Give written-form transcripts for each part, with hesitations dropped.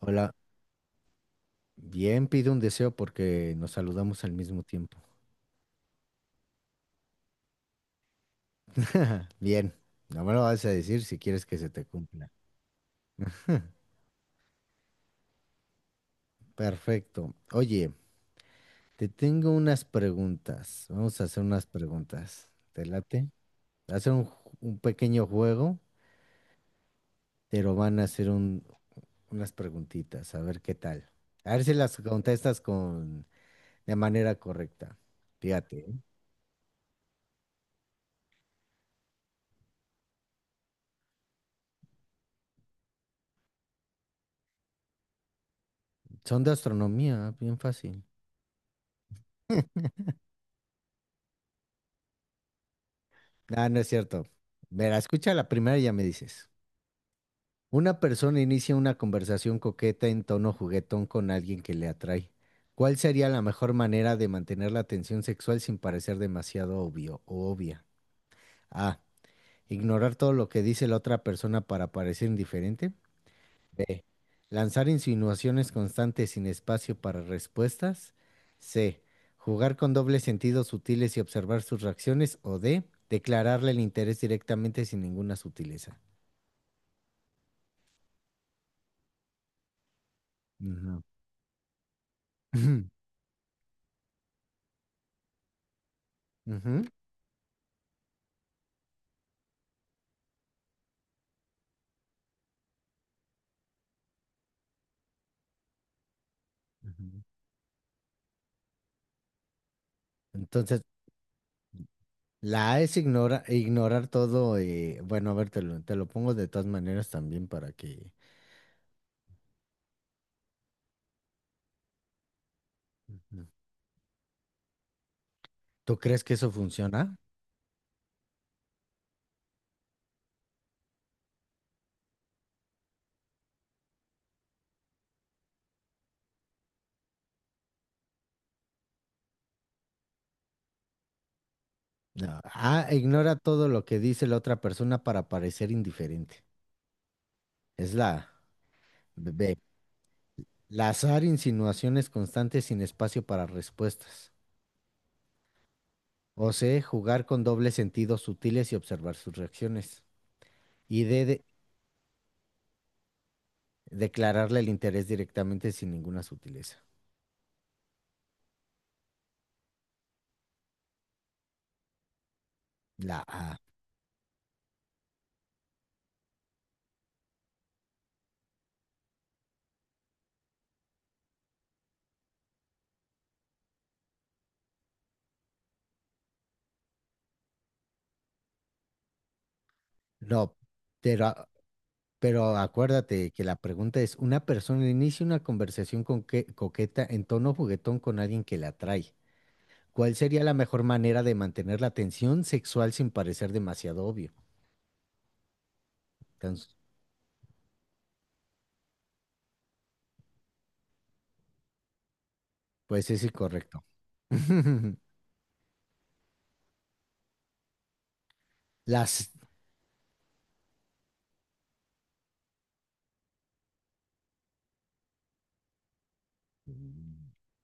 Hola, bien, pido un deseo porque nos saludamos al mismo tiempo. Bien, no me lo vas a decir si quieres que se te cumpla. Perfecto. Oye, te tengo unas preguntas. Vamos a hacer unas preguntas. ¿Te late? Va a ser un, un pequeño juego, pero van a hacer unas preguntitas, a ver qué tal. A ver si las contestas con, de manera correcta. Fíjate, ¿eh? Son de astronomía, bien fácil. Ah, no es cierto. Verá, escucha la primera y ya me dices. Una persona inicia una conversación coqueta en tono juguetón con alguien que le atrae. ¿Cuál sería la mejor manera de mantener la atención sexual sin parecer demasiado obvio o obvia? A. Ignorar todo lo que dice la otra persona para parecer indiferente. B. Lanzar insinuaciones constantes sin espacio para respuestas. C. Jugar con dobles sentidos sutiles y observar sus reacciones. O D. Declararle el interés directamente sin ninguna sutileza. Ujú. Ujú. Ujú. Entonces, la A es ignorar todo. Bueno, a ver, te lo pongo de todas maneras también para que... Ujú. ¿Tú crees que eso funciona? No. A, ignora todo lo que dice la otra persona para parecer indiferente. Es la A. B, lazar insinuaciones constantes sin espacio para respuestas. O C, jugar con dobles sentidos sutiles y observar sus reacciones. Y D, declararle el interés directamente sin ninguna sutileza. La A. No, pero pero acuérdate que la pregunta es, una persona inicia una conversación con coqueta en tono juguetón con alguien que la atrae. ¿Cuál sería la mejor manera de mantener la tensión sexual sin parecer demasiado obvio? Entonces, pues es incorrecto. Las,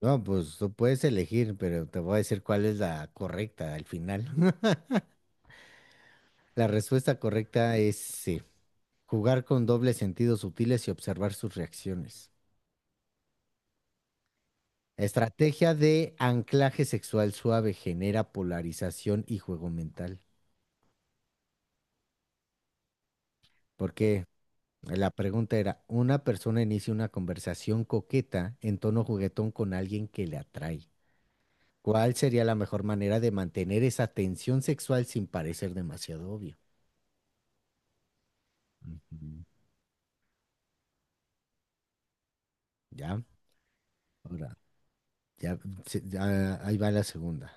no, pues tú puedes elegir, pero te voy a decir cuál es la correcta al final. La respuesta correcta es C, jugar con dobles sentidos sutiles y observar sus reacciones. Estrategia de anclaje sexual suave genera polarización y juego mental. Porque la pregunta era, una persona inicia una conversación coqueta en tono juguetón con alguien que le atrae. ¿Cuál sería la mejor manera de mantener esa tensión sexual sin parecer demasiado obvio? Ujú. ¿Ya? Ahora, ya, ya, ahí va la segunda.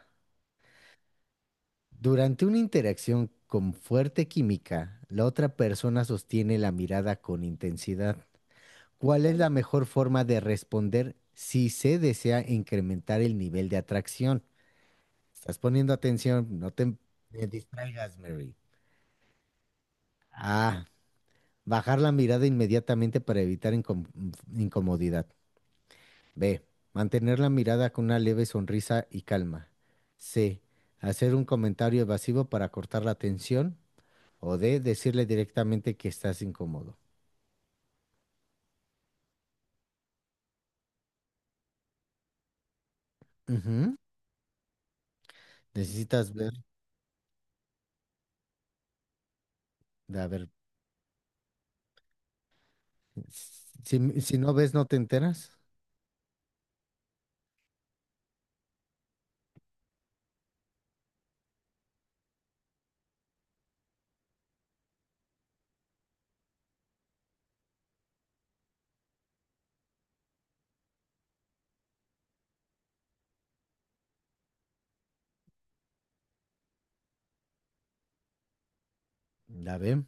Durante una interacción con fuerte química, la otra persona sostiene la mirada con intensidad. ¿Cuál es la mejor forma de responder si se desea incrementar el nivel de atracción? Estás poniendo atención, no te me distraigas, Mary. A. Bajar la mirada inmediatamente para evitar incomodidad. B. Mantener la mirada con una leve sonrisa y calma. C. Hacer un comentario evasivo para cortar la atención. O D. Decirle directamente que estás incómodo. Ujú. Necesitas ver, a ver, si, si no ves, no te enteras. La ve,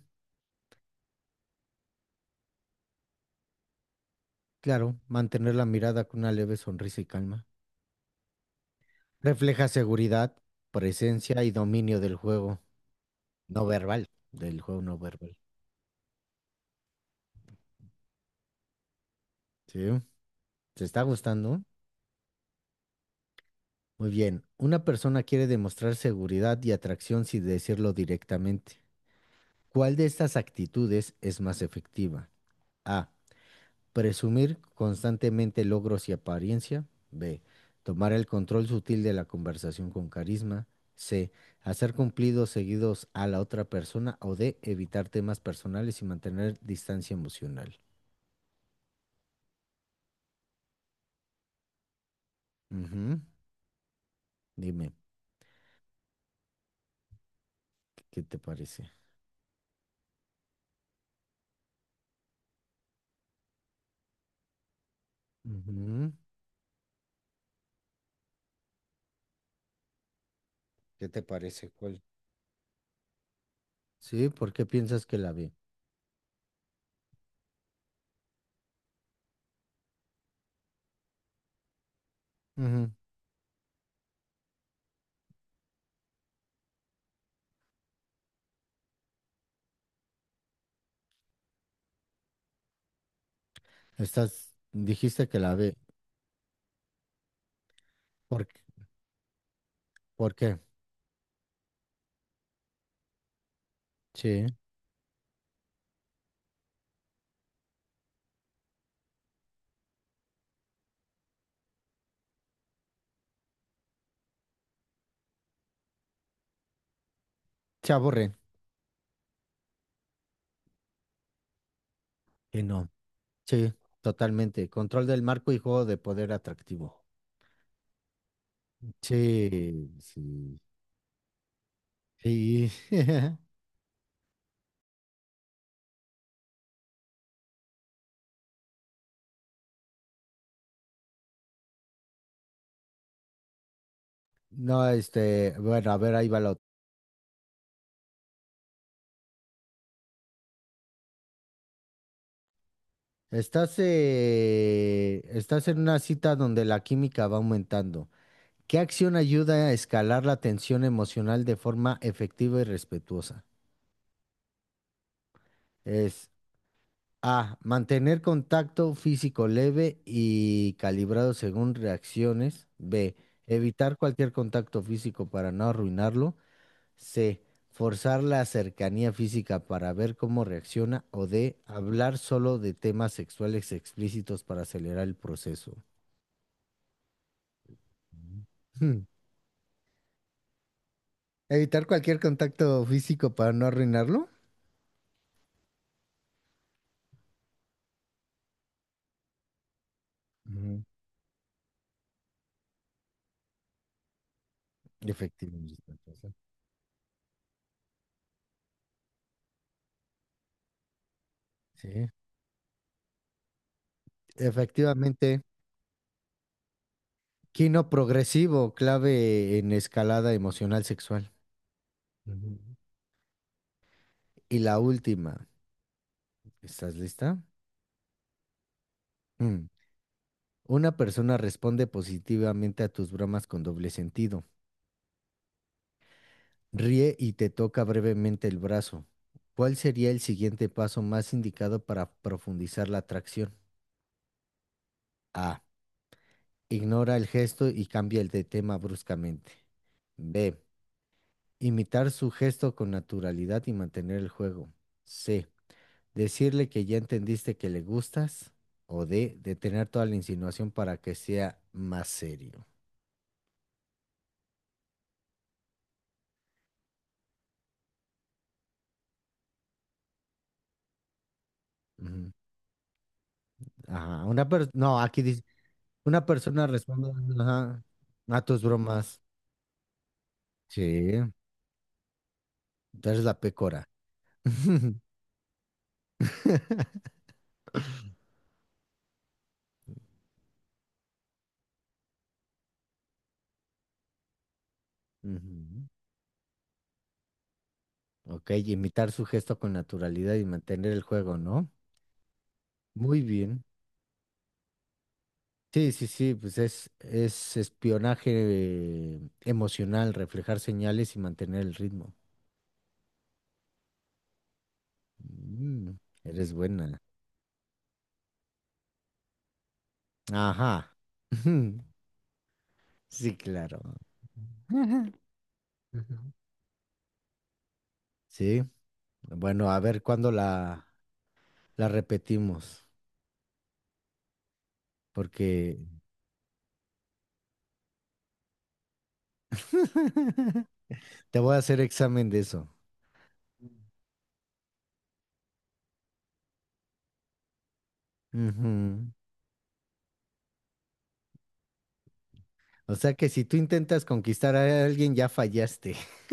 claro, mantener la mirada con una leve sonrisa y calma. Refleja seguridad, presencia y dominio del juego no verbal. Sí, te está gustando. Muy bien, una persona quiere demostrar seguridad y atracción sin decirlo directamente. ¿Cuál de estas actitudes es más efectiva? A. Presumir constantemente logros y apariencia. B. Tomar el control sutil de la conversación con carisma. C. Hacer cumplidos seguidos a la otra persona. O D. Evitar temas personales y mantener distancia emocional. Ujú. Dime, ¿qué te parece? Ujú. ¿Qué te parece? ¿Cuál? Sí, ¿por qué piensas que la B? Ujú. Estás, dijiste que la B. ¿Por, qué? ¿Por qué? Sí. Se aburre Que no. Sí, totalmente. Control del marco y juego de poder atractivo. Sí, sí, sí. No, bueno, a ver, ahí va la otra. Estás, estás en una cita donde la química va aumentando. ¿Qué acción ayuda a escalar la tensión emocional de forma efectiva y respetuosa? Es A, mantener contacto físico leve y calibrado según reacciones. B, evitar cualquier contacto físico para no arruinarlo. C. Forzar la cercanía física para ver cómo reacciona. O D. Hablar solo de temas sexuales explícitos para acelerar el proceso. Ujú, Hmm. Evitar cualquier contacto físico para no arruinarlo. Ujú. Efectivamente. Sí. Efectivamente. Quino progresivo, clave en escalada emocional sexual. Ujú. Y la última. ¿Estás lista? Mm. Una persona responde positivamente a tus bromas con doble sentido. Ríe y te toca brevemente el brazo. ¿Cuál sería el siguiente paso más indicado para profundizar la atracción? A. Ignora el gesto y cambia el de tema bruscamente. B. Imitar su gesto con naturalidad y mantener el juego. C. Decirle que ya entendiste que le gustas. O D. Detener toda la insinuación para que sea más serio. Ujú. Ajá. Una persona. No, aquí dice. Una persona responde ajá, a tus bromas. Sí. Tú eres la pecora. Ujú. Ok, imitar su gesto con naturalidad y mantener el juego, ¿no? Muy bien. Sí, sí, sí, pues es espionaje emocional, reflejar señales y mantener el ritmo. Mm, eres buena. Ajá. Sí, claro. Ajá. Ujú. Sí, bueno, a ver cuándo la repetimos, porque te voy a hacer examen de eso. Ujú. O sea que si tú intentas conquistar a alguien, ya fallaste.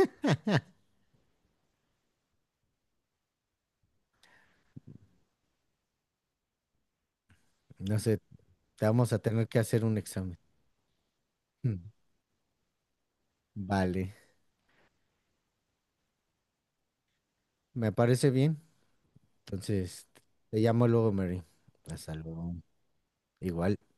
No sé, te vamos a tener que hacer un examen. Mm. Vale, me parece bien. Entonces, te llamo luego, Mary. Hasta luego. Igual.